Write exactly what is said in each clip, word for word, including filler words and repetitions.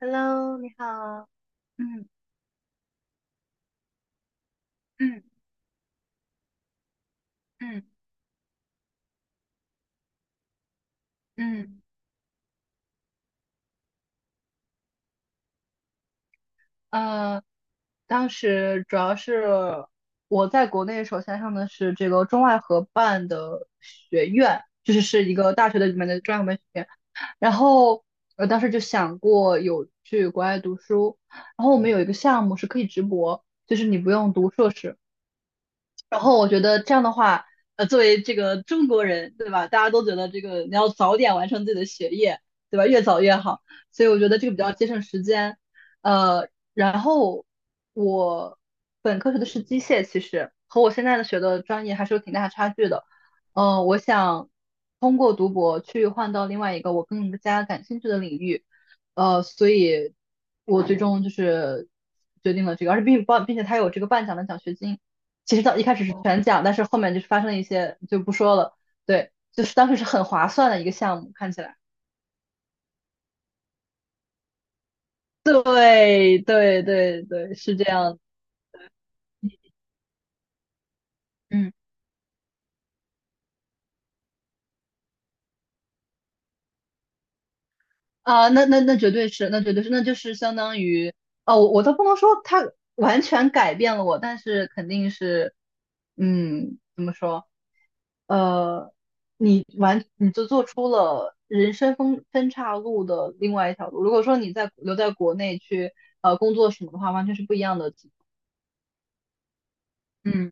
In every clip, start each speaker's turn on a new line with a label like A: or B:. A: Hello，你好。嗯。嗯。嗯。嗯。呃，当时主要是我在国内首先上的是这个中外合办的学院，就是是一个大学的里面的中外合办学院。然后我当时就想过有去国外读书，然后我们有一个项目是可以直博，就是你不用读硕士，然后我觉得这样的话，呃，作为这个中国人，对吧？大家都觉得这个你要早点完成自己的学业，对吧？越早越好。所以我觉得这个比较节省时间。呃，然后我本科学的是机械，其实和我现在的学的专业还是有挺大差距的。呃，我想通过读博去换到另外一个我更加感兴趣的领域。呃，所以我最终就是决定了这个，而且并并并且它有这个半奖的奖学金。其实到一开始是全奖，但是后面就是发生了一些就不说了。对，就是当时是很划算的一个项目，看起来。对对对对，是这样的。嗯。啊，那那那绝对是，那绝对是，那就是相当于，哦，我我都不能说它完全改变了我，但是肯定是，嗯，怎么说？呃，你完你就做出了人生分分岔路的另外一条路。如果说你在留在国内去呃工作什么的话，完全是不一样的。嗯。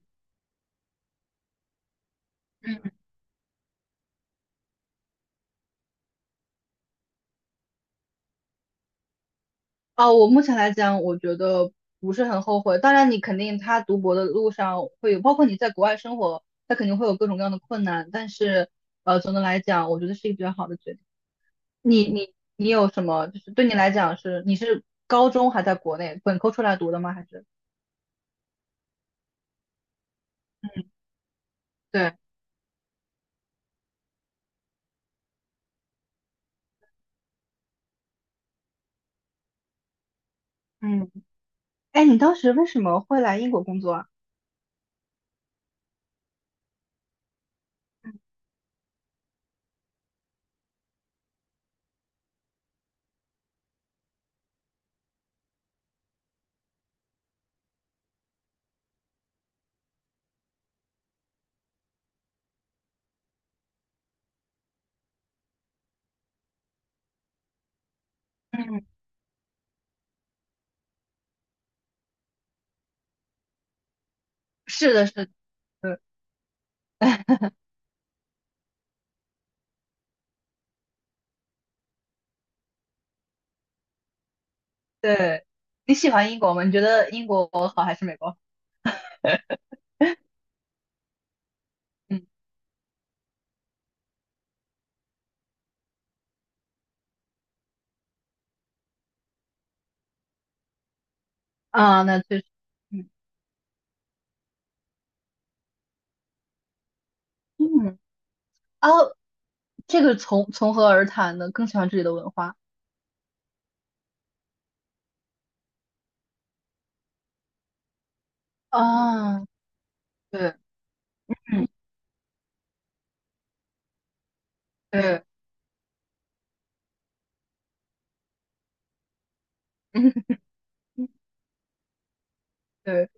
A: 嗯。哦，我目前来讲，我觉得不是很后悔。当然，你肯定他读博的路上会有，包括你在国外生活，他肯定会有各种各样的困难。但是，呃，总的来讲，我觉得是一个比较好的决定。你你你有什么？就是对你来讲是，你是高中还在国内本科出来读的吗？还是？嗯。对。嗯。哎，你当时为什么会来英国工作啊？嗯，是的，是的，对。你喜欢英国吗？你觉得英国好还是美国好？嗯。啊，那确实。嗯。嗯。哦，这个从从何而谈呢？更喜欢这里的文化。啊，对。嗯。对。嗯。对。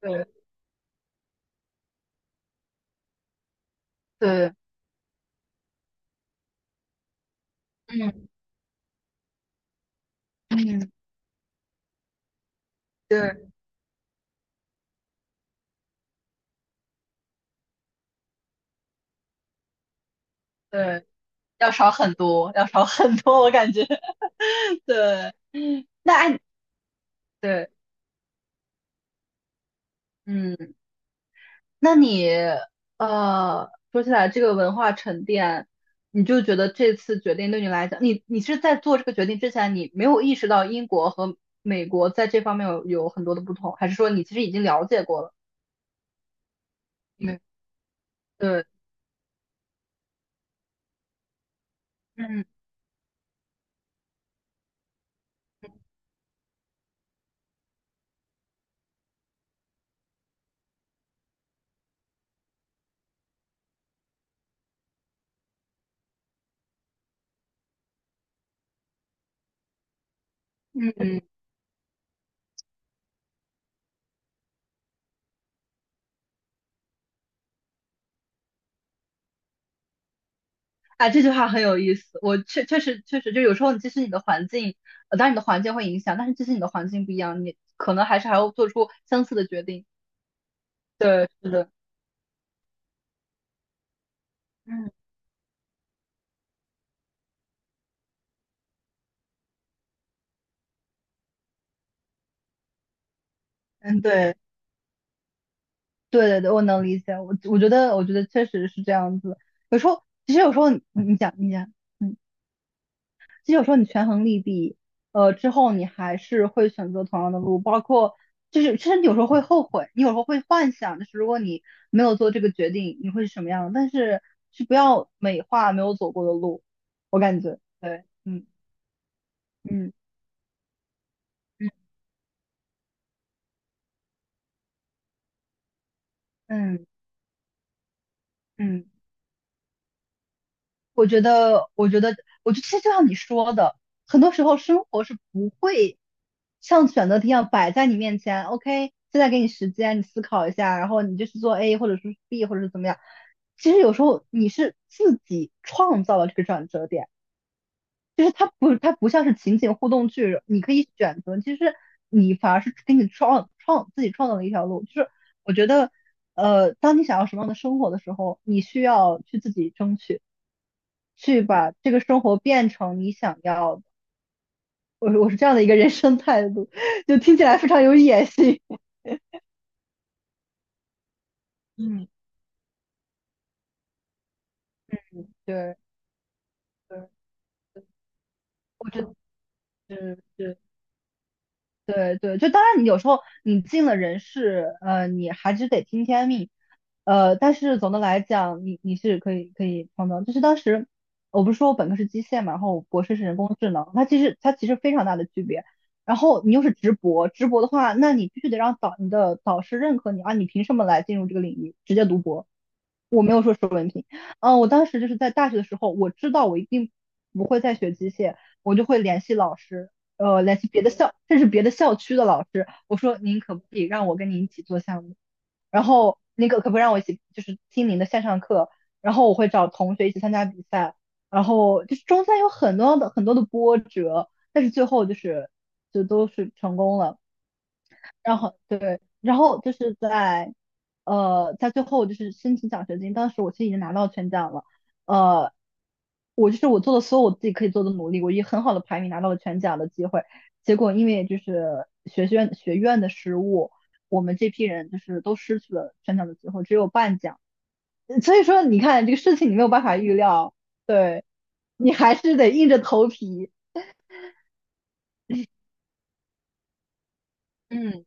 A: 对。对。嗯。嗯。对。对。要少很多，要少很多，我感觉。对，那按对，嗯，那你呃，说起来这个文化沉淀，你就觉得这次决定对你来讲，你你是在做这个决定之前，你没有意识到英国和美国在这方面有有很多的不同，还是说你其实已经了解过了？嗯。对。嗯。嗯。啊，这句话很有意思。我确确实确实，就有时候你其实你的环境，呃，当然你的环境会影响，但是即使你的环境不一样，你可能还是还要做出相似的决定。对，是的。嗯。嗯。对对对对，我能理解。我我觉得我觉得确实是这样子。其实有时候你你讲你讲，嗯。其实有时候你权衡利弊，呃，之后你还是会选择同样的路，包括就是其实你有时候会后悔，你有时候会幻想，就是如果你没有做这个决定，你会是什么样的。但是是不要美化没有走过的路，我感觉对。嗯。嗯。嗯。嗯。嗯。我觉得，我觉得，我觉得其实就像你说的，很多时候生活是不会像选择题一样摆在你面前。OK，现在给你时间，你思考一下，然后你就去做 A 或者是 B 或者是怎么样。其实有时候你是自己创造了这个转折点，就是它不，它不像是情景互动剧，你可以选择，其实你反而是给你创创自己创造了一条路。就是我觉得，呃，当你想要什么样的生活的时候，你需要去自己争取。去把这个生活变成你想要的。我我是这样的一个人生态度，就听起来非常有野心。嗯，对对，我觉得是是。对对，就当然你有时候你进了人事，呃，你还是得听天命，呃，但是总的来讲，你你是可以可以碰到，就是当时我不是说我本科是机械嘛，然后我博士是人工智能，它其实它其实非常大的区别。然后你又是直博，直博的话，那你必须得让导你的导师认可你啊，你凭什么来进入这个领域直接读博？是文凭。嗯，呃我当时就是在大学的时候，我知道我一定不会再学机械，我就会联系老师，呃，联系别的校，甚至别的校区的老师，我说您可不可以让我跟您一起做项目？然后您可可不可以让我一起就是听您的线上课？然后我会找同学一起参加比赛，然后就是中间有很多的很多的波折，但是最后就是就都是成功了。然后对，然后就是在，呃，在最后就是申请奖学金，当时我其实已经拿到全奖了，呃，我就是我做了所有我自己可以做的努力，我以很好的排名拿到了全奖的机会，结果因为就是学院学院的失误，我们这批人就是都失去了全奖的机会，只有半奖，嗯所以说你看这个事情你没有办法预料，对你还是得硬着头皮，嗯，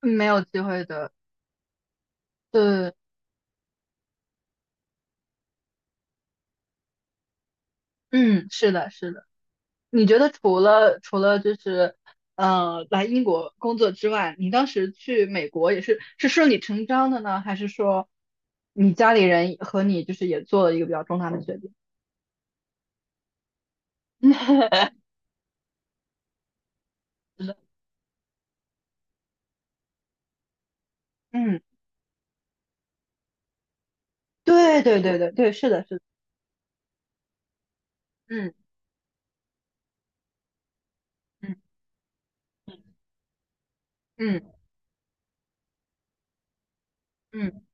A: 没有机会的。对，嗯，是的，是的。你觉得除了除了就是呃来英国工作之外，你当时去美国也是是顺理成章的呢，还是说你家里人和你就是也做了一个比较重大的决定？是的。嗯，对对对对对，是的，是的。嗯。嗯。嗯。嗯。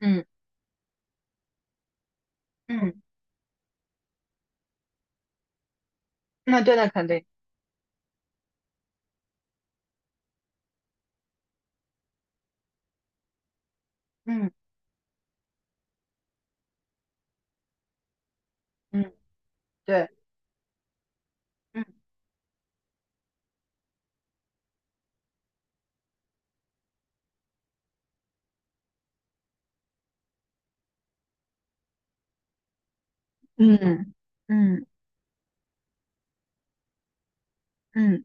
A: 嗯。嗯，那对，那肯定。嗯。嗯。对。嗯。嗯。嗯。嗯。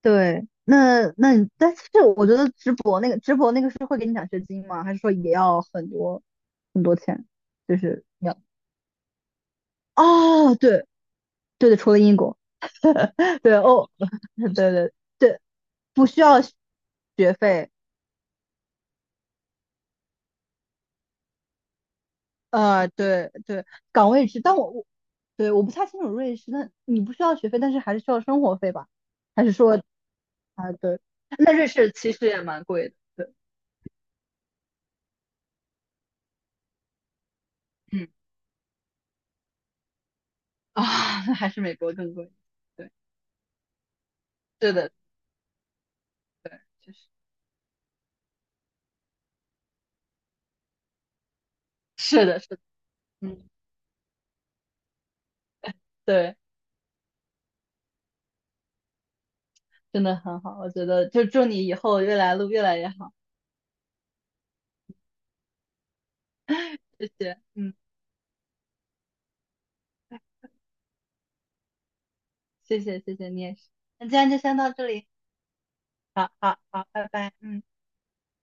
A: 对，那那你，但是我觉得直播那个直播那个是会给你奖学金吗？还是说也要很多很多钱？就是要哦，对对对，除了英国。对哦，对对对，不需要学费。呃，对对，岗位制，但我我对我不太清楚瑞士，那你不需要学费，但是还是需要生活费吧？还是说啊，对，那瑞士其实也蛮贵的，对。嗯。啊，还是美国更贵，对，对的，对。确实。是的，是的。嗯，对，真的很好，我觉得就祝你以后越来路越来越好，谢谢，嗯，谢谢，谢谢你也是，那今天就先到这里，好好好，拜拜，嗯。